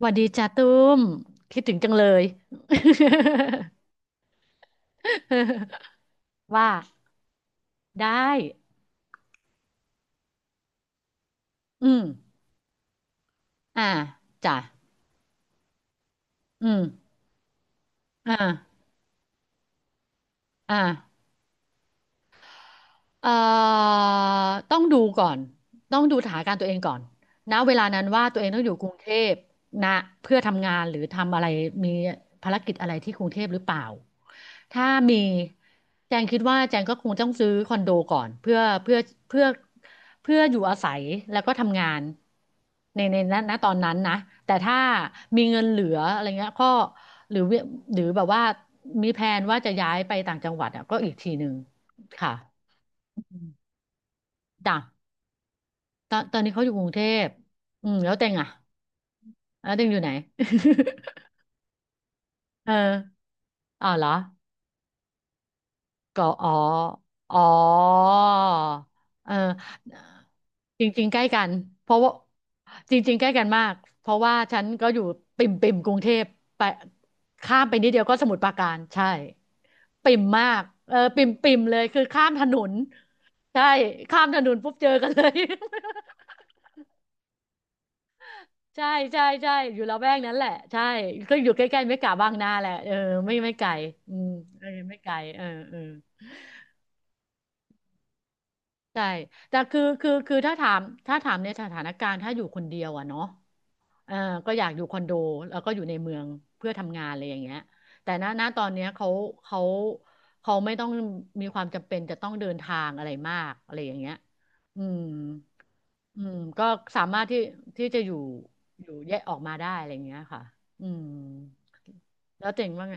หวัดดีจ้าตุ้มคิดถึงจังเลย ว่าได้อืมอ่าจ้ะอืมอ่าอ่า เอ่อต้องดูก่อน ต้องดูสถานการณ์ตัวเองก่อนณเวลานั้นว่าตัวเองต้องอยู่กรุงเทพนะเพื่อทำงานหรือทำอะไรมีภารกิจอะไรที่กรุงเทพหรือเปล่า ถ้ามีแจงคิดว่าแจงก็คงต้องซื้อคอนโดก่อนเพื่อเพื่ออยู่อาศัยแล้วก็ทำงานในณตอนนั้นนะ แต่ถ้ามีเงินเหลืออะไรเงี้ยก็หรือหรือแบบว่ามีแผนว่าจะย้ายไปต่างจังหวัดอ่ะก็อีกทีหนึ่งค่ะ จ้ะตอนนี้เขาอยู่กรุงเทพอืมแล้วเต็งอ่ะแล้วเต็งอยู่ไหน เอออ๋อเหรอก็อ๋ออ๋อเออจริงๆใกล้กันเพราะว่าจริงๆใกล้กันมากเพราะว่าฉันก็อยู่ปิ่มกรุงเทพไปข้ามไปนิดเดียวก็สมุทรปราการใช่ปิ่มมากเออปิ่มปิ่มเลยคือข้ามถนนใช่ข้ามถนนปุ๊บเจอกันเลย ใช่ใช่ใช่อยู่ละแวกนั้นแหละใช่ก็อยู่ใกล้ๆไม่กะบางนาแหละเออไม่ไกลอืมเออไม่ไกลเออเออใช่แต่คือถ้าถามถ้าถามในสถานการณ์ถ้าอยู่คนเดียวอะเนาะเออก็อยากอยู่คอนโดแล้วก็อยู่ในเมืองเพื่อทำงานอะไรอย่างเงี้ยแต่ณตอนเนี้ยเขาเขาไม่ต้องมีความจำเป็นจะต้องเดินทางอะไรมากอะไรอย่างเงี้ยอืม อืมก็สามารถที่จะอยู่อยู่แยกออกมาได้อะไรอย่างเงี้ยค่ะอืมแล้วเจ๋งว่าไง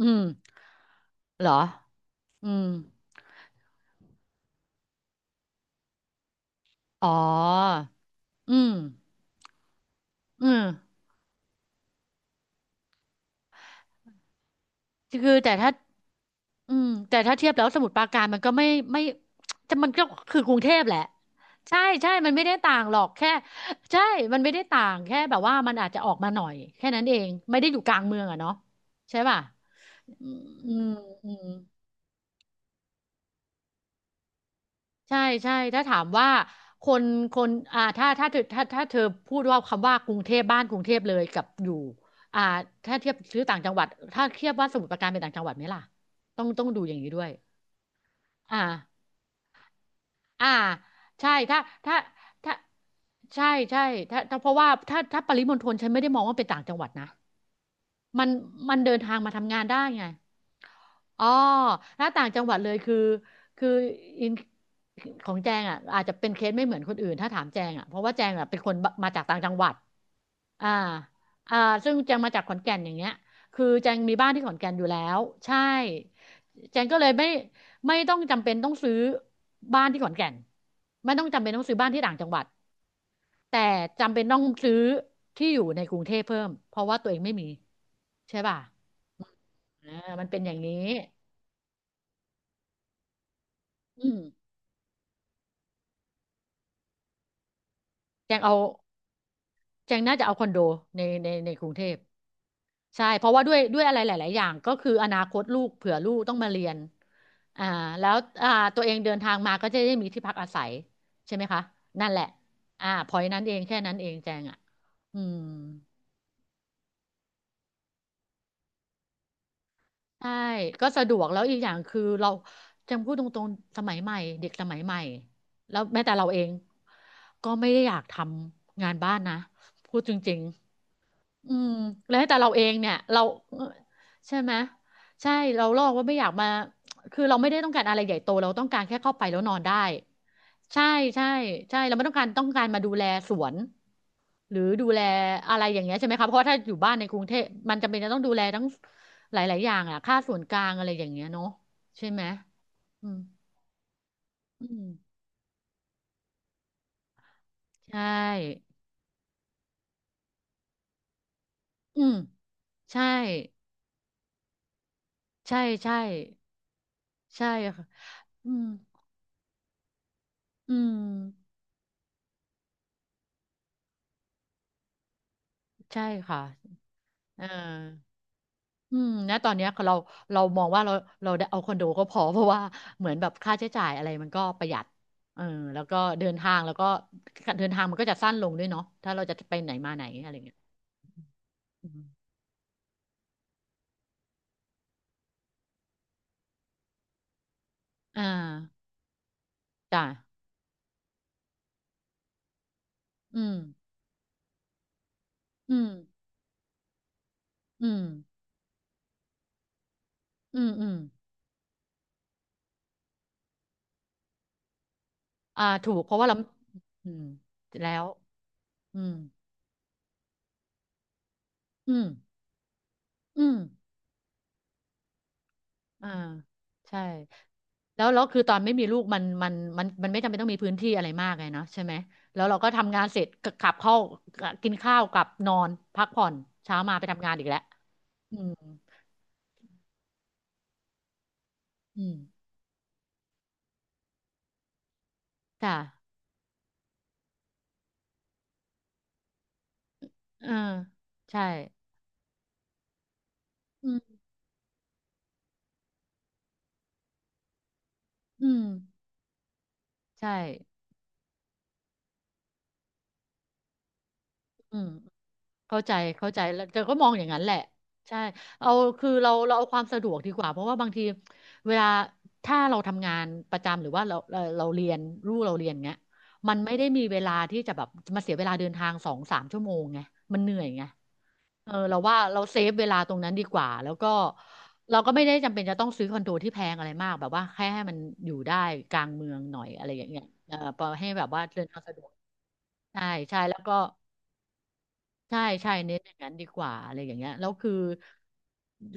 อืมเหรออืมอ๋ออืมอืมคือแต่ถ้าอืมแต่ถ้าเทียบแล้วสมุทรปราการมันก็ไม่ไม่จะมันก็คือกรุงเทพแหละใช่ใช่มันไม่ได้ต่างหรอกแค่ใช่มันไม่ได้ต่างแค่แบบว่ามันอาจจะออกมาหน่อยแค่นั้นเองไม่ได้อยู่กลางเมืองอะเนาะใช่ป่ะอืมอืม ใช่ใช่ถ้าถามว่าคนคนอ่าถ้าเธอพูดว่าคำว่ากรุงเทพบ้านกรุงเทพเลยกับอยู่อ่าถ้าเทียบซื้อต่างจังหวัดถ้าเทียบว่าสมุทรปราการเป็นต่างจังหวัดไหมล่ะต้องดูอย่างนี้ด้วยอ่าอ่าใช่ถ้าถ้าใช่ใช่ถ้าเพราะว่าถ้าปริมณฑลฉันไม่ได้มองว่าเป็นต่างจังหวัดนะมันมันเดินทางมาทำงานได้ไง อ๋อถ้าต่างจังหวัดเลยคืออินของแจงอ่ะอาจจะเป็นเคสไม่เหมือนคนอื่นถ้าถามแจงอ่ะเพราะว่าแจงอ่ะเป็นคนบมาจากต่างจังหวัดอ่าอ่าซึ่งแจงมาจากขอนแก่นอย่างเงี้ยคือแจงมีบ้านที่ขอนแก่นอยู่แล้วใช่แจงก็เลยไม่ต้องจำเป็นต้องซื้อบ้านที่ขอนแก่นไม่ต้องจำเป็นต้องซื้อบ้านที่ต่างจังหวัดแต่จำเป็นต้องซื้อที่อยู่ในกรุงเทพเพิ่มเพราะว่าตัวเองไม่มีใช่ป่ะอ่ามันเป็นอย่างนี้ อืมแจงเอาแจงน่าจะเอาคอนโดในกรุงเทพใช่เพราะว่าด้วยอะไรหลายๆอย่างก็คืออนาคตลูกเผื่อลูกต้องมาเรียนอ่าแล้วอ่าตัวเองเดินทางมาก็จะได้มีที่พักอาศัยใช่ไหมคะนั่นแหละอ่าพอยนั้นเองแค่นั้นเองแจงอ่ะอืมใช่ก็สะดวกแล้วอีกอย่างคือเราจำพูดตรงๆสมัยใหม่เด็กสมัยใหม่แล้วแม้แต่เราเองก็ไม่ได้อยากทำงานบ้านนะพูดจริง อืมแล้วแต่เราเองเนี่ยเราเอ่อใช่ไหมใช่เราลอกว่าไม่อยากมาคือเราไม่ได้ต้องการอะไรใหญ่โตเราต้องการแค่เข้าไปแล้วนอนได้ใช่ใช่ใช่เราไม่ต้องการต้องการมาดูแลสวนหรือดูแลอะไรอย่างเงี้ยใช่ไหมคะเพราะว่าถ้าอยู่บ้านในกรุงเทพมันจำเป็นจะต้องดูแลทั้งหลายๆอย่างอ่ะค่าส่วนกลางอะไรอย่างเงี้ยเนาะใช่ไหมอืมอืมใช่อืมใช่ใช่ใช่ใช่ค่ะอืมอืมใช่ค่ะ เอออืมณตอนเนี้ยเรามองว่าเราได้เอาคอนโดก็พอ เพราะว่าเหมือนแบบค่าใช้จ่ายอะไรมันก็ประหยัดเออแล้วก็เดินทางมันก็จะสั้นลงด้วยเนาะถ้าเราจะไปไหนมาไหนอะไรเงี้ยอืมอ่าจ้ะอืมอืมอืมอืมอืมอ่า ถูกเพราะว่าเราอืมแล้วอืมอืมอืม อ่าใช่แล้วคือตอนไม่มีลูกมันไม่จำเป็นต้องมีพื้นที่อะไรมากไงเนาะใช่ไหมแล้วเราก็ทำงานเสร็จกกลับเข้ากินข้าวกลับนอนพักผ่อนเช้ามาไปทำงานอีกแล้วอืมอืมจ้ะเออใช่อืมอืมใช่อืม เข้าใจเข้าใจแล้วแต่ก็มองอย่างนั้นแหละใช่เอาคือเราเอาความสะดวกดีกว่าเพราะว่าบางทีเวลาถ้าเราทำงานประจำหรือว่าเราเรียนลูกเราเรียนเงี้ยมันไม่ได้มีเวลาที่จะแบบมาเสียเวลาเดินทางสองสามชั่วโมงไงมันเหนื่อยไงเออเราว่าเราเซฟเวลาตรงนั้นดีกว่าแล้วก็เราก็ไม่ได้จำเป็นจะต้องซื้อคอนโดที่แพงอะไรมากแบบว่าแค่ให้มันอยู่ได้กลางเมืองหน่อยอะไรอย่างเงี้ยเออพอให้แบบว่าเดินทางสะดวกใช่ใช่แล้วก็ ใช่ใช่เน้นอย่างนั้นดีกว่าอะไรอย่างเงี้ยแล้วคือ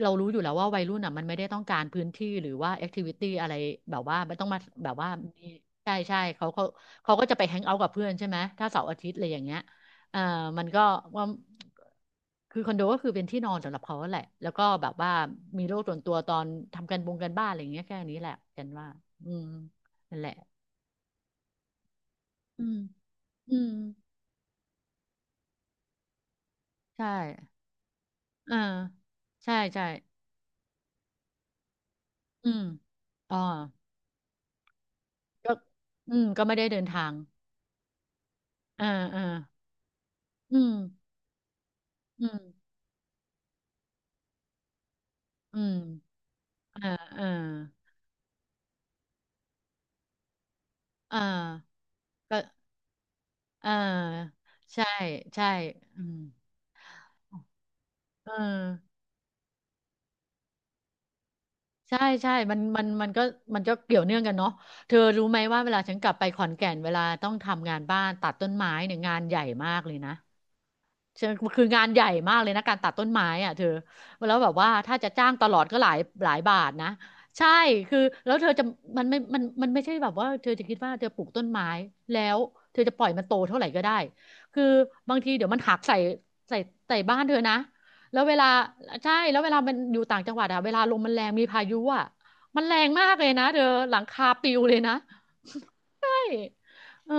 เรารู้อยู่แล้วว่าวัยรุ่นอ่ะมันไม่ได้ต้องการพื้นที่หรือว่าแอคทิวิตี้อะไรแบบว่าไม่ต้องมาแบบว่ามีใช่ใช่เขาเขาก็จะไปแฮงเอาท์กับเพื่อนใช่ไหมถ้าเสาร์อาทิตย์อะไรอย่างเงี้ยเอ่อมันก็ว่าคือคอนโดก็คือเป็นที่นอนสำหรับเขาแหละแล้วก็แบบว่ามีโลกส่วนตัวตอนทำกันบงกันบ้านอะไรอย่างเงี้ยแค่นี้แหละกันว่าอืมนั่นแหละอืมอืมใช่อ่าใช่ใช่อืมอ๋อ ก็อืมก็ไม่ได้เดินทางอ่าอ่าอืมอืมอืมอ่าอ่าอ่าก็อ่าใช่ใช่อืมเออใช่ใช่มันก็มันก็เกี่ยวเนื่องกันเนาะเธอรู้ไหมว่าเวลาฉันกลับไปขอนแก่นเวลาต้องทำงานบ้านตัดต้นไม้เนี่ยงานใหญ่มากเลยนะ เชิงคืองานใหญ่มากเลยนะการตัดต้นไม้อ่ะเธอแล้วแบบว่าถ้าจะจ้างตลอดก็หลายหลายบาทนะใช่คือแล้วเธอจะมันไม่ใช่แบบว่าเธอจะคิดว่าเธอปลูกต้นไม้แล้วเธอจะปล่อยมันโตเท่าไหร่ก็ได้คือบางทีเดี๋ยวมันหักใส่ใส่ใส่บ้านเธอนะแล้วเวลาใช่แล้วเวลามันอยู่ต่างจังหวัดอะเวลาลมมันแรงมีพายุอะมันแรงมากเลยนะเธอหลังคาปลิวเลยนะ อยเออ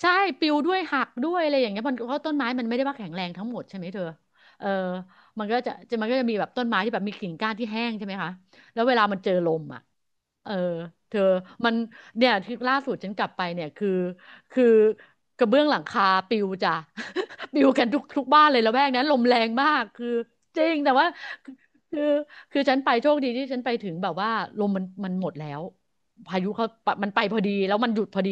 ใช่ปลิวด้วยหักด้วยอะไรอย่างเงี้ยมันเพราะต้นไม้มันไม่ได้ว่าแข็งแรงทั้งหมดใช่ไหมเธอเออมันก็จะมันก็จะมีแบบต้นไม้ที่แบบมีกิ่งก้านที่แห้งใช่ไหมคะแล้วเวลามันเจอลมอ่ะเออเธอมันเนี่ยที่ล่าสุดฉันกลับไปเนี่ยคือคือกระเบื้องหลังคาปลิวจ้ะ ปลิวกันทุกบ้านเลยละแวกนั้นลมแรงมาก คือจริงแต่ว่า คือคือฉันไปโชคดีที่ฉันไปถึงแบบว่าลมมันหมดแล้ว พายุเขามันไปพอดีแล้วมันหยุดพอดี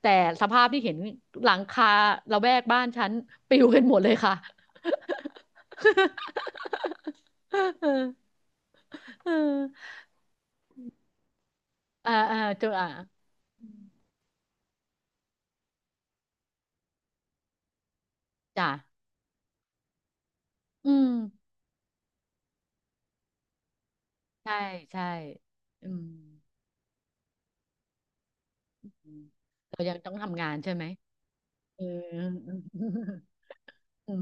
แต่สภาพที่เห็นหลังคาระแวกบ้านฉันปลิวกันหมดเลยค่ะ เออเอออ่าอ่าเจออ่าจ้ะอืมใช่ใช่อืมอืมเรายังต้องทำงานใช่ไหมเออ อืม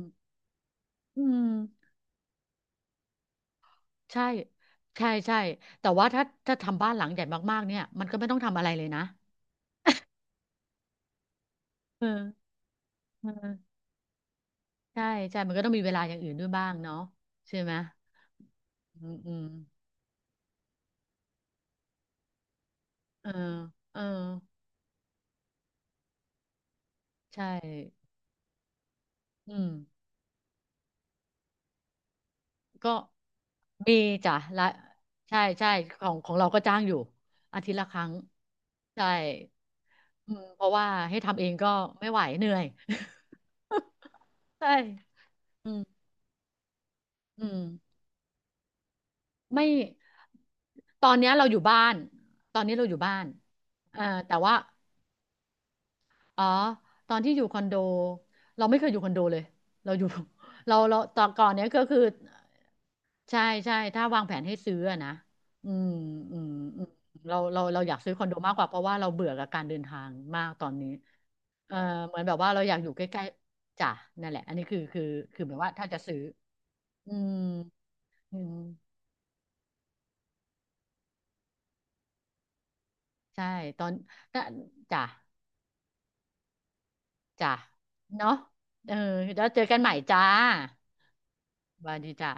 อืมใช่ใช่ใช่แต่ว่าถ้าถ้าทำบ้านหลังใหญ่มากๆเนี่ยมันก็ไม่ต้องทำอะไรเลยนะเออเออใช่ใช่มันก็ต้องมีเวลาอย่างอื่นด้วยบ้างเนาะใช่ไหมอืมอืม เออเออใช่อืมก็มีจ้ะละใช่ใช่ของเราก็จ้างอยู่อาทิตย์ละครั้งใช่อืมเพราะว่าให้ทำเองก็ไม่ไหวเหนื่อย ใช่อืมอืมไม่ตอนเนี้ยเราอยู่บ้าน ตอนนี้เราอยู่บ้านอ่าแต่ว่าอ๋อตอนที่อยู่คอนโด เราไม่เคยอยู่คอนโดเลยเราอยู่ เราตอนก่อนเนี้ยก็คือ ใช่ใช่ถ้าวางแผนให้ซื้ออะนะอืมอืมอืมเราอยากซื้อคอนโดมากกว่าเพราะว่าเราเบื่อกับการเดินทางมากตอนนี้เออเหมือนแบบว่าเราอยากอยู่ใกล้ๆจ้ะนั่นแหละอันนี้คือคือแบบว่าถ้าจะซื้ออืมอืมใช่ตอนน่ะจ้ะจ้ะเนาะเออแล้วเจอกันใหม่จ้าสวัสดีจ้ะ